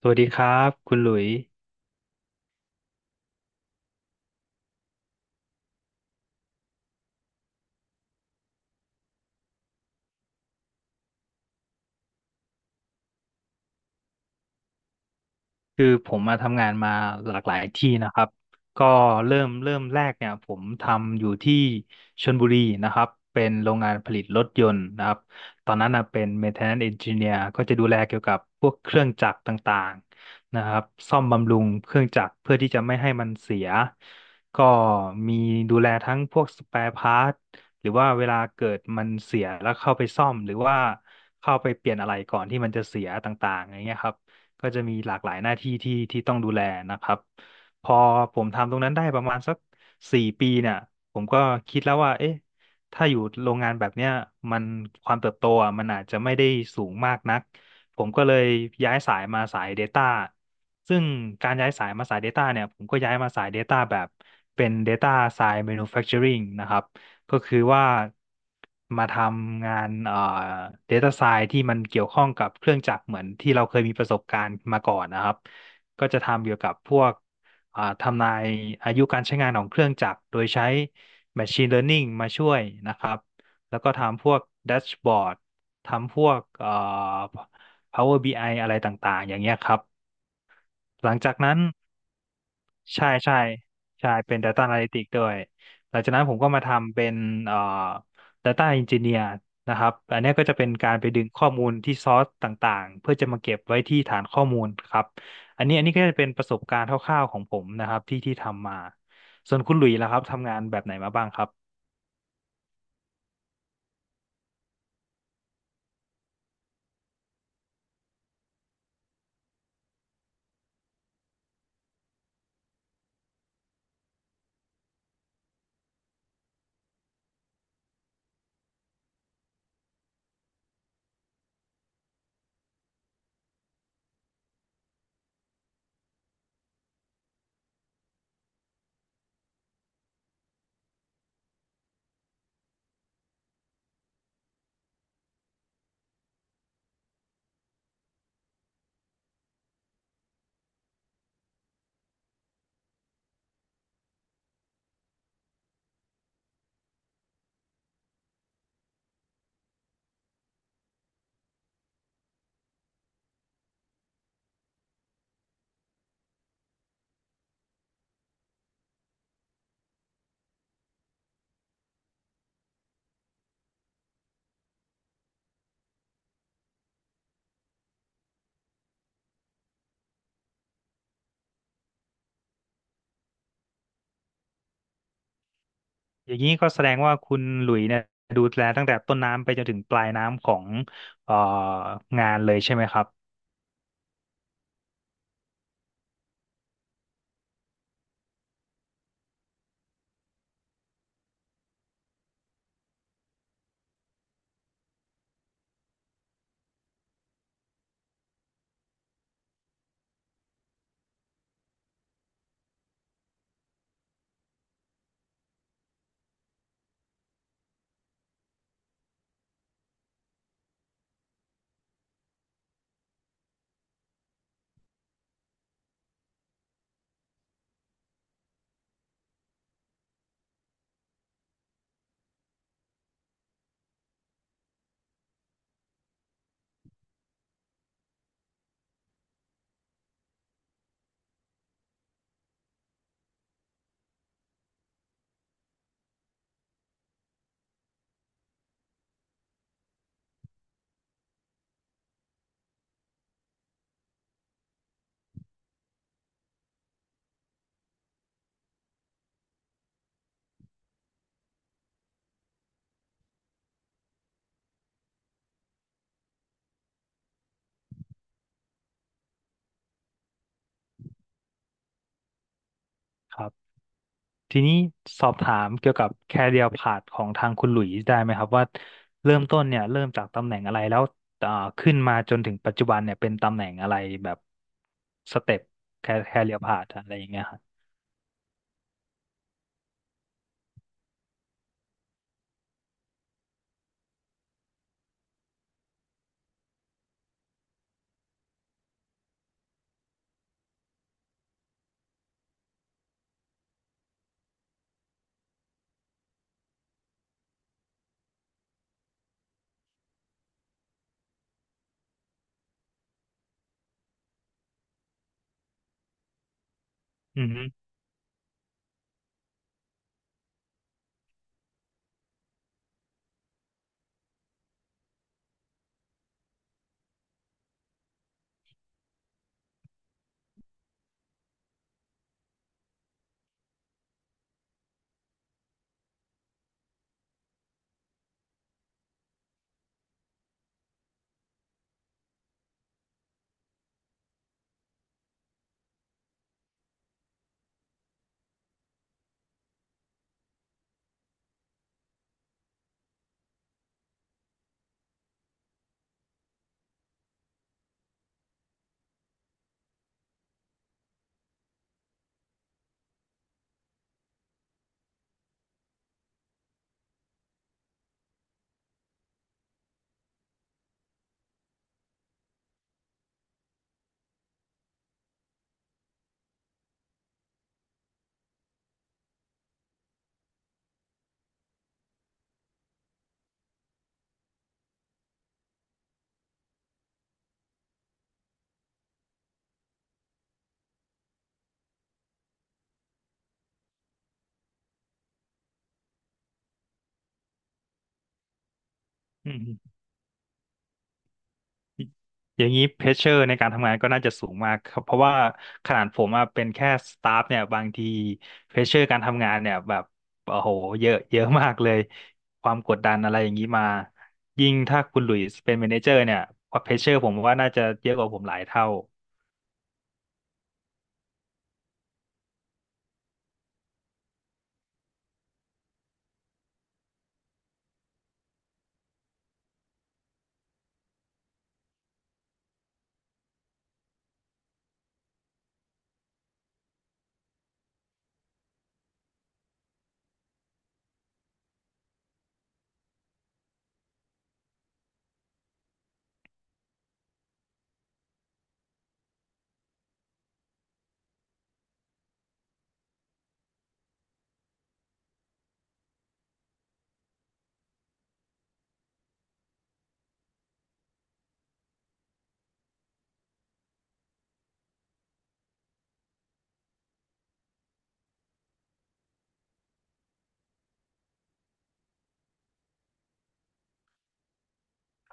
สวัสดีครับคุณหลุยส์ คือผมมาทำงานมาหลากหลายที่นะครับก็เริ่มแรกเนี่ยผมทำอยู่ที่ชลบุรีนะครับเป็นโรงงานผลิตรถยนต์นะครับตอนนั้นนะเป็น maintenance engineer ก็จะดูแลเกี่ยวกับพวกเครื่องจักรต่างๆนะครับซ่อมบำรุงเครื่องจักรเพื่อที่จะไม่ให้มันเสียก็มีดูแลทั้งพวกส p ปร e พาร์ทหรือว่าเวลาเกิดมันเสียแล้วเข้าไปซ่อมหรือว่าเข้าไปเปลี่ยนอะไรก่อนที่มันจะเสียต่างๆอย่างเงี้ยครับ ก็จะมีหลากหลายหน้าที่ที่ต้องดูแลนะครับพอผมทำตรงนั้นได้ประมาณสักสี่ปีเนี่ยผมก็คิดแล้วว่าเอ๊ะถ้าอยู่โรงงานแบบเนี้ยมันความเติบโตอ่ะมันอาจจะไม่ได้สูงมากนักผมก็เลยย้ายสายมาสาย Data ซึ่งการย้ายสายมาสาย Data เนี่ยผมก็ย้ายมาสาย Data แบบเป็น Data Science Manufacturing นะครับ ก็คือว่ามาทำงานdata science ที่มันเกี่ยวข้องกับเครื่องจักรเหมือนที่เราเคยมีประสบการณ์มาก่อนนะครับก็จะทำเกี่ยวกับพวกทำนายอายุการใช้งานของเครื่องจักรโดยใช้ machine learning มาช่วยนะครับแล้วก็ทำพวกแดชบอร์ดทำพวกPower BI ออะไรต่างๆอย่างเงี้ยครับ หลังจากนั้นใช่ใช่ใช่เป็น Data Analytics ด้วยหลังจากนั้นผมก็มาทำเป็นเอ่อ Data Engineer นะครับอันเนี้ยก็จะเป็นการไปดึงข้อมูลที่ซอสต่างๆเพื่อจะมาเก็บไว้ที่ฐานข้อมูลครับอันนี้ก็จะเป็นประสบการณ์คร่าวๆของผมนะครับที่ทำมาส่วนคุณหลุยส์ล่ะครับทำงานแบบไหนมาบ้างครับอย่างนี้ก็แสดงว่าคุณหลุยส์เนี่ยดูแลตั้งแต่ต้นน้ำไปจนถึงปลายน้ำของเอ่องานเลยใช่ไหมครับ ทีนี้สอบถามเกี่ยวกับ career path ของทางคุณหลุยส์ได้ไหมครับว่าเริ่มต้นเนี่ยเริ่มจากตำแหน่งอะไรแล้วเอ่อขึ้นมาจนถึงปัจจุบันเนี่ยเป็นตำแหน่งอะไรแบบสเต็ป career path อะไรอย่างเงี้ยครับอืมฮึอืมฮึ อย่างนี้เพรสเชอร์ในการทำงานก็น่าจะสูงมากครับเพราะว่าขนาดผมอะเป็นแค่สตาฟเนี่ยบางทีเพรสเชอร์การทำงานเนี่ยแบบโอ้โหเยอะเยอะมากเลยความกดดันอะไรอย่างนี้มายิ่งถ้าคุณหลุยส์เป็น m ม n นเจอร์เนี่ยเพรสเชอร์ผมว่าน่าจะเยอะกว่าผมหลายเท่า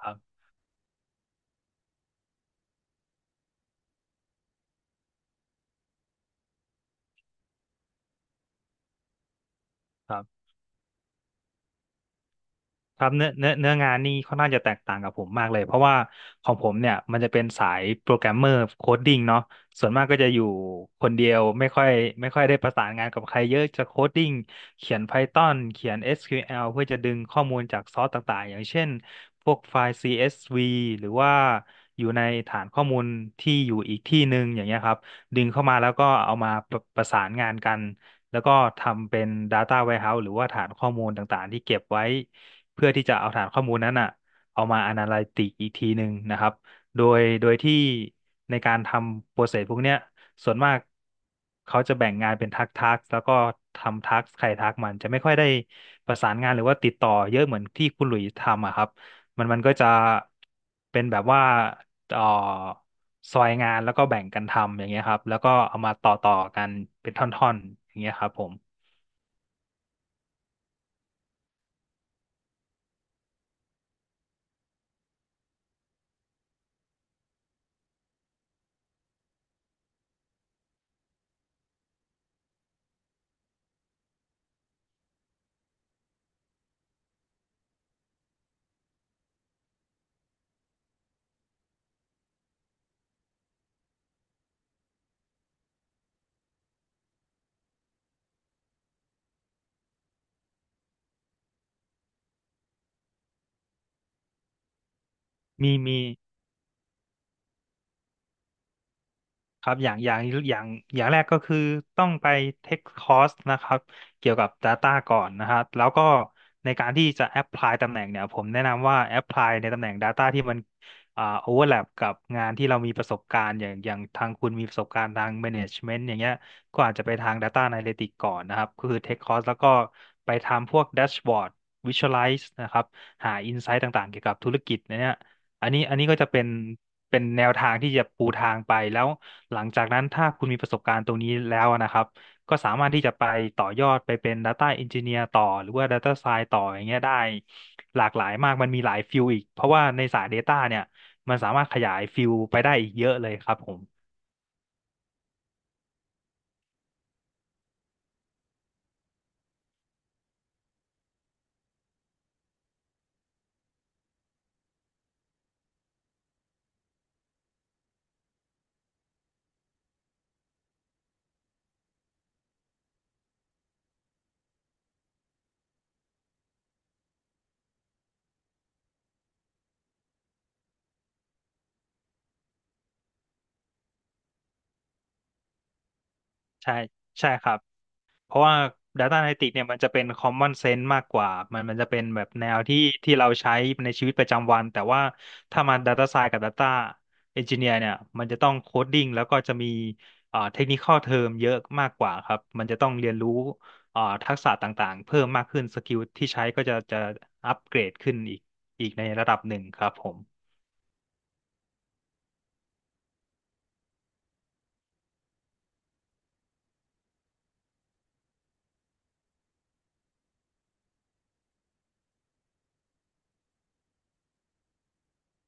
ครับครับ ครับเนื้องานนี่ค่อนข้างจะแตกต่างกับผมมากเลยเพราะว่าของผมเนี่ยมันจะเป็นสายโปรแกรมเมอร์โคดดิ้งเนาะส่วนมากก็จะอยู่คนเดียวไม่ค่อยได้ประสานงานกับใครเยอะจะโคดดิ้งเขียน Python เขียน SQL เพื่อจะดึงข้อมูลจากซอสต่างๆอย่างเช่นพวกไฟล์ CSV หรือว่าอยู่ในฐานข้อมูลที่อยู่อีกที่หนึ่งอย่างเงี้ยครับดึงเข้ามาแล้วก็เอามาประประสานงานกัน แล้วก็ทำเป็น Data Warehouse หรือว่าฐานข้อมูลต่างๆที่เก็บไว้เพื่อที่จะเอาฐานข้อมูลนั้นอ่ะเอามา Analytic อีกทีหนึ่งนะครับโดยที่ในการทำโปรเซสพวกเนี้ยส่วนมากเขาจะแบ่งงานเป็นทักทักแล้วก็ทำทักใครทักมันจะไม่ค่อยได้ประสานงานหรือว่าติดต่อเยอะเหมือนที่คุณหลุยส์ทำอะครับมันก็จะเป็นแบบว่า เอ่อซอยงานแล้วก็แบ่งกันทำอย่างเงี้ยครับแล้วก็เอามาต่อกันเป็นท่อนๆอย่างเงี้ยครับผมมีมี ครับอย่างแรกก็คือต้องไปเทคคอร์สนะครับเกี่ยวกับ Data ก่อนนะครับแล้วก็ในการที่จะ Apply ตำแหน่งเนี่ยผมแนะนำว่า Apply ในตำแหน่ง Data ที่มันoverlap กับงานที่เรามีประสบการณ์อย่างทางคุณมีประสบการณ์ทาง Management อย่างเงี้ยก็อาจจะไปทาง Data Analytics ก่อนนะครับก็คือเทคคอร์สแล้วก็ไปทำพวก Dashboard Visualize นะครับหา Insight ต่างๆเกี่ยวกับธุรกิจเนี่ย อันนี้ก็จะเป็นแนวทางที่จะปูทางไปแล้วหลังจากนั้นถ้าคุณมีประสบการณ์ตรงนี้แล้วนะครับก็สามารถที่จะไปต่อยอดไปเป็น Data Engineer ต่อหรือว่า Data Science ต่ออย่างเงี้ยได้หลากหลายมากมันมีหลายฟิลอีกเพราะว่าในสาย Data เนี่ยมันสามารถขยายฟิลไปได้อีกเยอะเลยครับผมใช่ใช่ครับ เพราะว่า Data Analytics เนี่ยมันจะเป็น common sense มากกว่ามันจะเป็นแบบแนวที่ที่เราใช้ในชีวิตประจำวันแต่ว่าถ้ามา Data Science กับ Data Engineer เนี่ยมันจะต้อง coding แล้วก็จะมีtechnical term เยอะมากกว่าครับมันจะต้องเรียนรู้ทักษะต่างๆเพิ่มมากขึ้นสกิลที่ใช้ก็จะอัปเกรดขึ้นอีกในระดับหนึ่งครับผม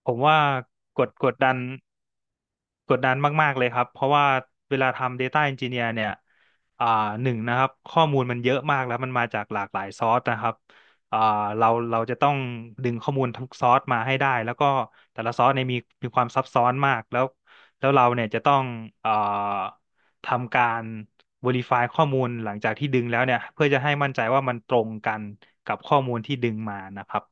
ผมว่ากดกดดันมากๆเลยครับเพราะว่าเวลาทำ Data Engineer เนี่ยอ่าหนึ่งนะครับข้อมูลมันเยอะมากแล้วมันมาจากหลากหลายซอร์สนะครับอ่าเราจะต้องดึงข้อมูลทุกซอร์สมาให้ได้แล้วก็แต่ละซอร์สเนี่ยมีมีความซับซ้อนมากแล้วแล้วเราเนี่ยจะต้องอ่าทำการ Verify ข้อมูลหลังจากที่ดึงแล้วเนี่ยเพื่อจะให้มั่นใจว่ามันตรงกันกับข้อมูลที่ดึงมานะครับ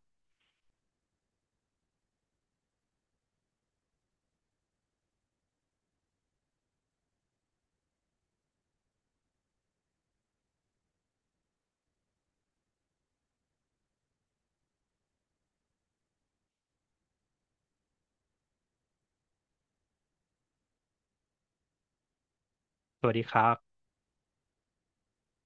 สวัสดีครับ